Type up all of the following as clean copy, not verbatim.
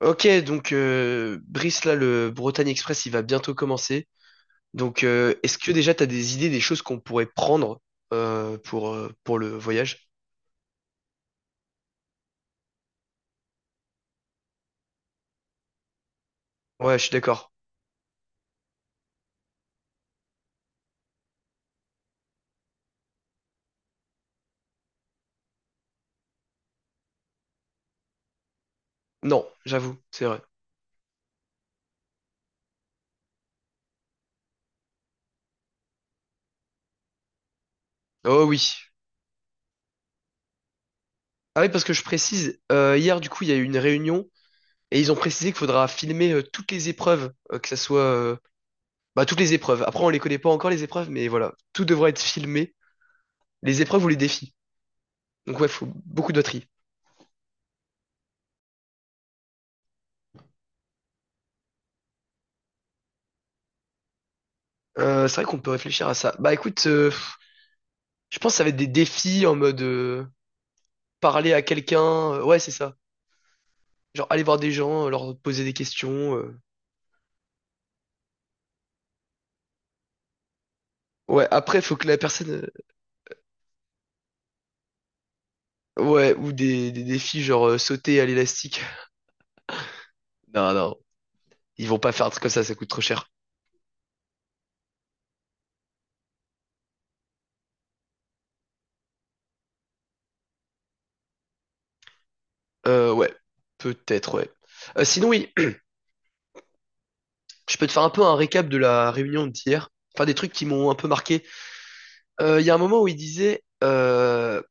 Ok, donc Brice, là, le Bretagne Express, il va bientôt commencer. Donc, est-ce que déjà tu as des idées des choses qu'on pourrait prendre pour le voyage? Ouais, je suis d'accord. Non, j'avoue, c'est vrai. Oh oui. Ah oui, parce que je précise, hier, du coup, il y a eu une réunion et ils ont précisé qu'il faudra filmer toutes les épreuves, bah, toutes les épreuves. Après, on les connaît pas encore, les épreuves, mais voilà, tout devra être filmé, les épreuves ou les défis. Donc ouais, faut beaucoup de batterie. C'est vrai qu'on peut réfléchir à ça. Bah écoute... je pense que ça va être des défis en mode parler à quelqu'un. Ouais, c'est ça. Genre aller voir des gens, leur poser des questions. Ouais, après, faut que la personne. Ouais, ou des défis genre sauter à l'élastique. Non, non. Ils vont pas faire un truc comme ça coûte trop cher. Ouais. Peut-être, ouais. Sinon, oui, je peux te faire un peu un récap de la réunion d'hier. Enfin, des trucs qui m'ont un peu marqué. Il y a un moment où il disait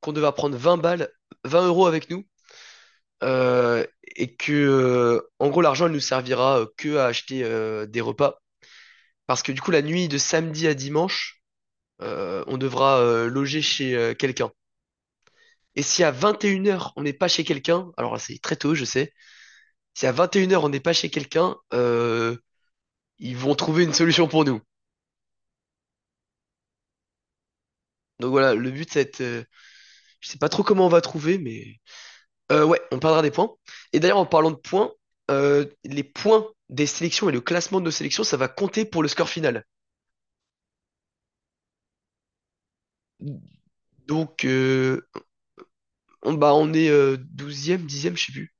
qu'on devait prendre 20 balles, 20 euros avec nous, euh, et que en gros l'argent elle nous servira que à acheter des repas parce que du coup la nuit de samedi à dimanche, on devra loger chez quelqu'un. Et si à 21 heures on n'est pas chez quelqu'un, alors là, c'est très tôt je sais. Si à 21 heures on n'est pas chez quelqu'un, ils vont trouver une solution pour nous. Donc voilà, le but c'est être, je sais pas trop comment on va trouver, mais ouais, on parlera des points. Et d'ailleurs en parlant de points, les points des sélections et le classement de nos sélections ça va compter pour le score final. Donc, bah, on est 12e, je sais plus.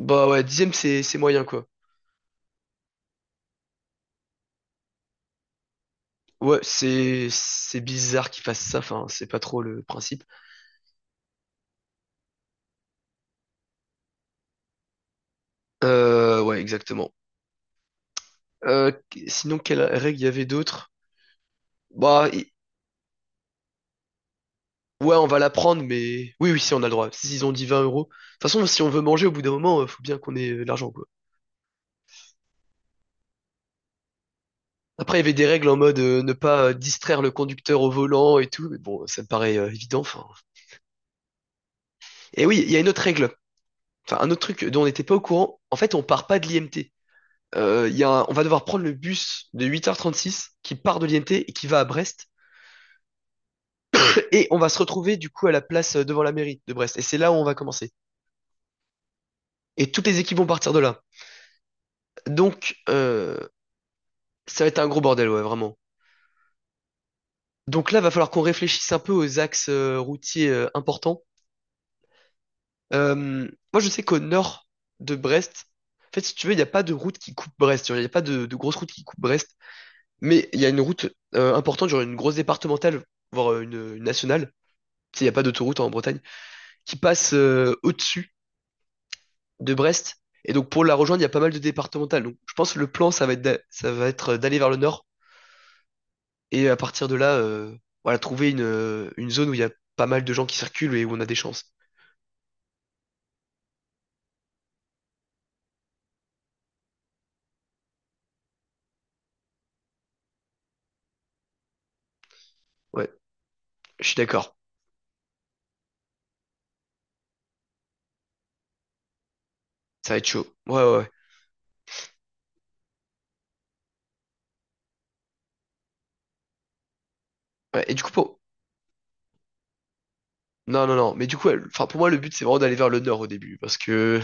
Bah ouais, dixième c'est moyen, quoi. Ouais, c'est bizarre qu'ils fassent ça, enfin, c'est pas trop le principe. Ouais, exactement. Sinon, quelle règle il y avait d'autres? Bah, i- ouais, on va la prendre, mais... Oui, oui, si, on a le droit. S'ils ont dit 20 euros. De toute façon, si on veut manger, au bout d'un moment, faut bien qu'on ait de l'argent, quoi. Après, il y avait des règles en mode ne pas distraire le conducteur au volant et tout, mais bon, ça me paraît évident, enfin... Et oui, il y a une autre règle. Enfin, un autre truc dont on n'était pas au courant, en fait, on part pas de l'IMT. Il y a un- On va devoir prendre le bus de 8h36 qui part de l'IMT et qui va à Brest. Et on va se retrouver du coup à la place, devant la mairie de Brest. Et c'est là où on va commencer. Et toutes les équipes vont partir de là. Donc, ça va être un gros bordel, ouais, vraiment. Donc là, va falloir qu'on réfléchisse un peu aux axes routiers importants. Euh, Moi, je sais qu'au nord de Brest, en fait, si tu veux, il n'y a pas de route qui coupe Brest. Il n'y a pas de grosse route qui coupe Brest. Mais il y a une route importante, genre une grosse départementale, voire une nationale, tu sais, il n'y a pas d'autoroute hein, en Bretagne, qui passe au-dessus de Brest. Et donc pour la rejoindre, il y a pas mal de départementales. Donc je pense que le plan, ça va être d'aller vers le nord et à partir de là, voilà, trouver une zone où il y a pas mal de gens qui circulent et où on a des chances. Ouais, je suis d'accord. Ça va être chaud. Ouais, ouais, ouais. Ouais, et du coup, pour... Non, non, non. Mais du coup, enfin, pour moi, le but, c'est vraiment d'aller vers le nord au début. Parce que,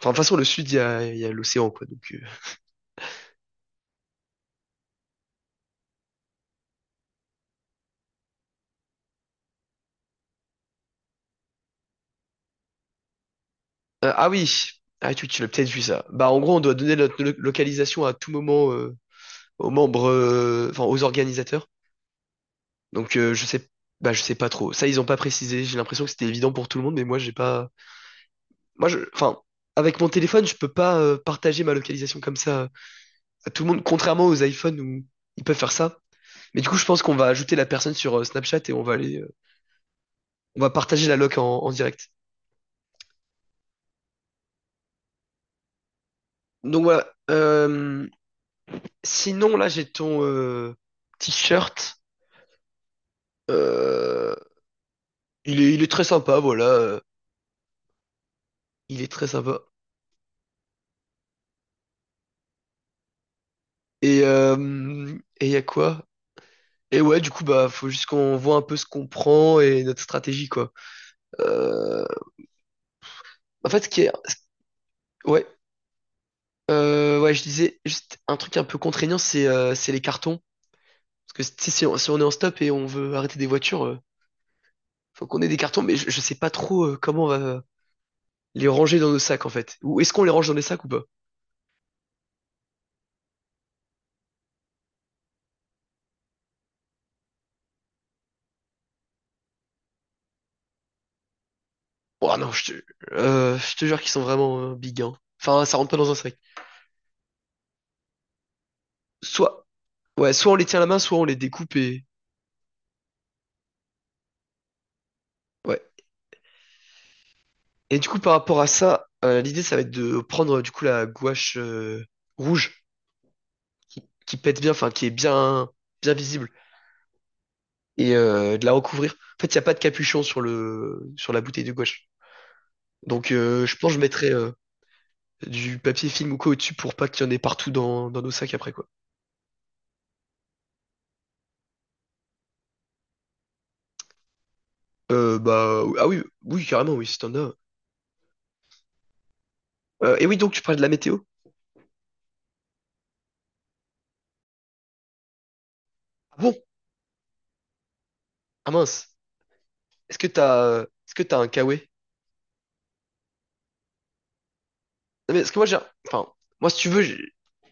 enfin, de toute façon, le sud, il y a l'océan, quoi. Donc, ah oui, ah, tu l'as peut-être vu ça. Bah, en gros, on doit donner notre localisation à tout moment, aux membres, enfin aux organisateurs. Donc, je sais, bah je sais pas trop. Ça, ils ont pas précisé. J'ai l'impression que c'était évident pour tout le monde, mais moi j'ai pas. Moi je, enfin, avec mon téléphone, je peux pas partager ma localisation comme ça à tout le monde, contrairement aux iPhones où ils peuvent faire ça. Mais du coup, je pense qu'on va ajouter la personne sur Snapchat et on va partager la loc en direct. Donc voilà. Sinon, là, j'ai ton t-shirt. Euh, il est très sympa, voilà. Il est très sympa. Et euh, et y a quoi? Et ouais, du coup, bah, faut juste qu'on voit un peu ce qu'on prend et notre stratégie, quoi. Euh, En fait, ce qui est, ouais, ouais, je disais juste un truc un peu contraignant, c'est les cartons. Parce que tu sais, si on est en stop et on veut arrêter des voitures, faut qu'on ait des cartons, mais je sais pas trop comment on va les ranger dans nos sacs, en fait. Ou est-ce qu'on les range dans les sacs ou pas? Oh non, je te jure qu'ils sont vraiment big, hein. Enfin, ça rentre pas dans un sac. Soit, Ouais, soit on les tient à la main, soit on les découpe et... Ouais. Et du coup, par rapport à ça, l'idée, ça va être de prendre du coup la gouache rouge qui pète bien, enfin qui est bien, bien visible, et de la recouvrir. En fait, il n'y a pas de capuchon sur la bouteille de gouache. Donc, je pense que je mettrai du papier film ou quoi au-dessus pour pas qu'il y en ait partout dans nos sacs après, quoi. Bah, ah oui, oui, carrément, oui, si t'en as. Et oui, donc tu parlais de la météo? Ah bon? Ah mince. Est-ce que t'as un k kawaii? Mais parce que moi, j'ai, enfin, moi, si tu veux,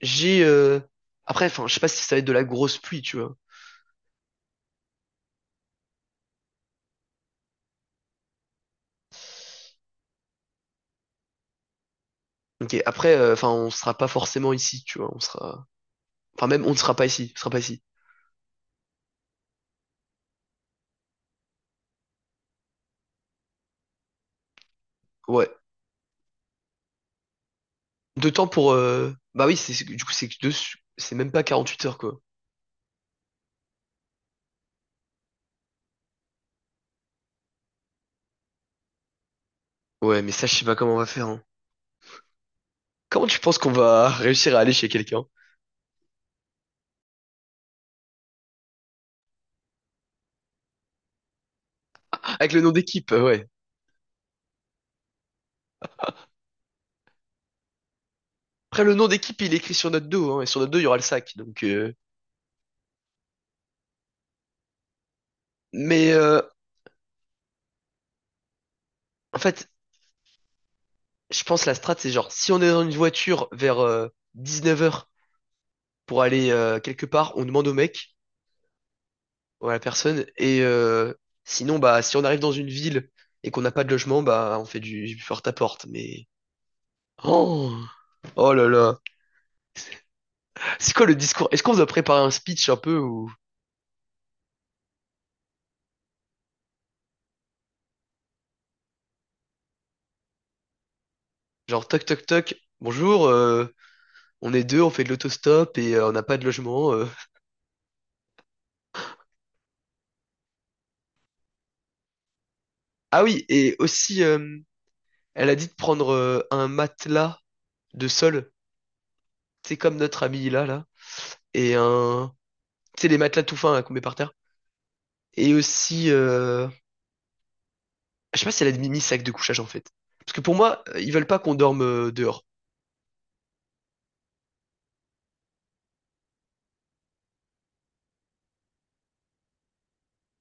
j'ai, euh, après, enfin, je sais pas si ça va être de la grosse pluie, tu vois. Ok, après, enfin, on sera pas forcément ici, tu vois. Enfin, même, on ne sera pas ici, on sera pas ici. Ouais. De temps pour, bah oui, du coup, c'est même pas 48 heures, quoi. Ouais, mais ça, je sais pas comment on va faire, hein. Comment tu penses qu'on va réussir à aller chez quelqu'un? Avec le nom d'équipe, ouais. Après, le nom d'équipe, il est écrit sur notre dos, hein, et sur notre dos, il y aura le sac, donc, mais, euh, en fait, je pense la strat, c'est genre, si on est dans une voiture vers 19h pour aller quelque part, on demande au mec ou à la personne. Sinon, bah, si on arrive dans une ville et qu'on n'a pas de logement, bah, on fait du porte-à-porte. Mais. Oh, oh là là. C'est quoi le discours? Est-ce qu'on vous a préparé un speech un peu ou genre toc toc toc, bonjour, on est deux, on fait de l'autostop et on n'a pas de logement. Ah oui, et aussi, elle a dit de prendre un matelas de sol. C'est comme notre ami là, là. Et un, tu sais, les matelas tout fins là, qu'on met par terre. Et aussi, je sais pas si elle a mis sac de couchage en fait. Parce que pour moi, ils veulent pas qu'on dorme dehors.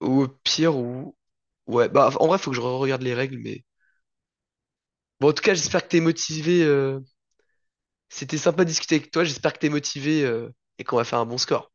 Ou au pire, ou. Ouais, bah en vrai, faut que je regarde les règles, mais. Bon, en tout cas, j'espère que t'es motivé. C'était sympa de discuter avec toi, j'espère que t'es motivé et qu'on va faire un bon score.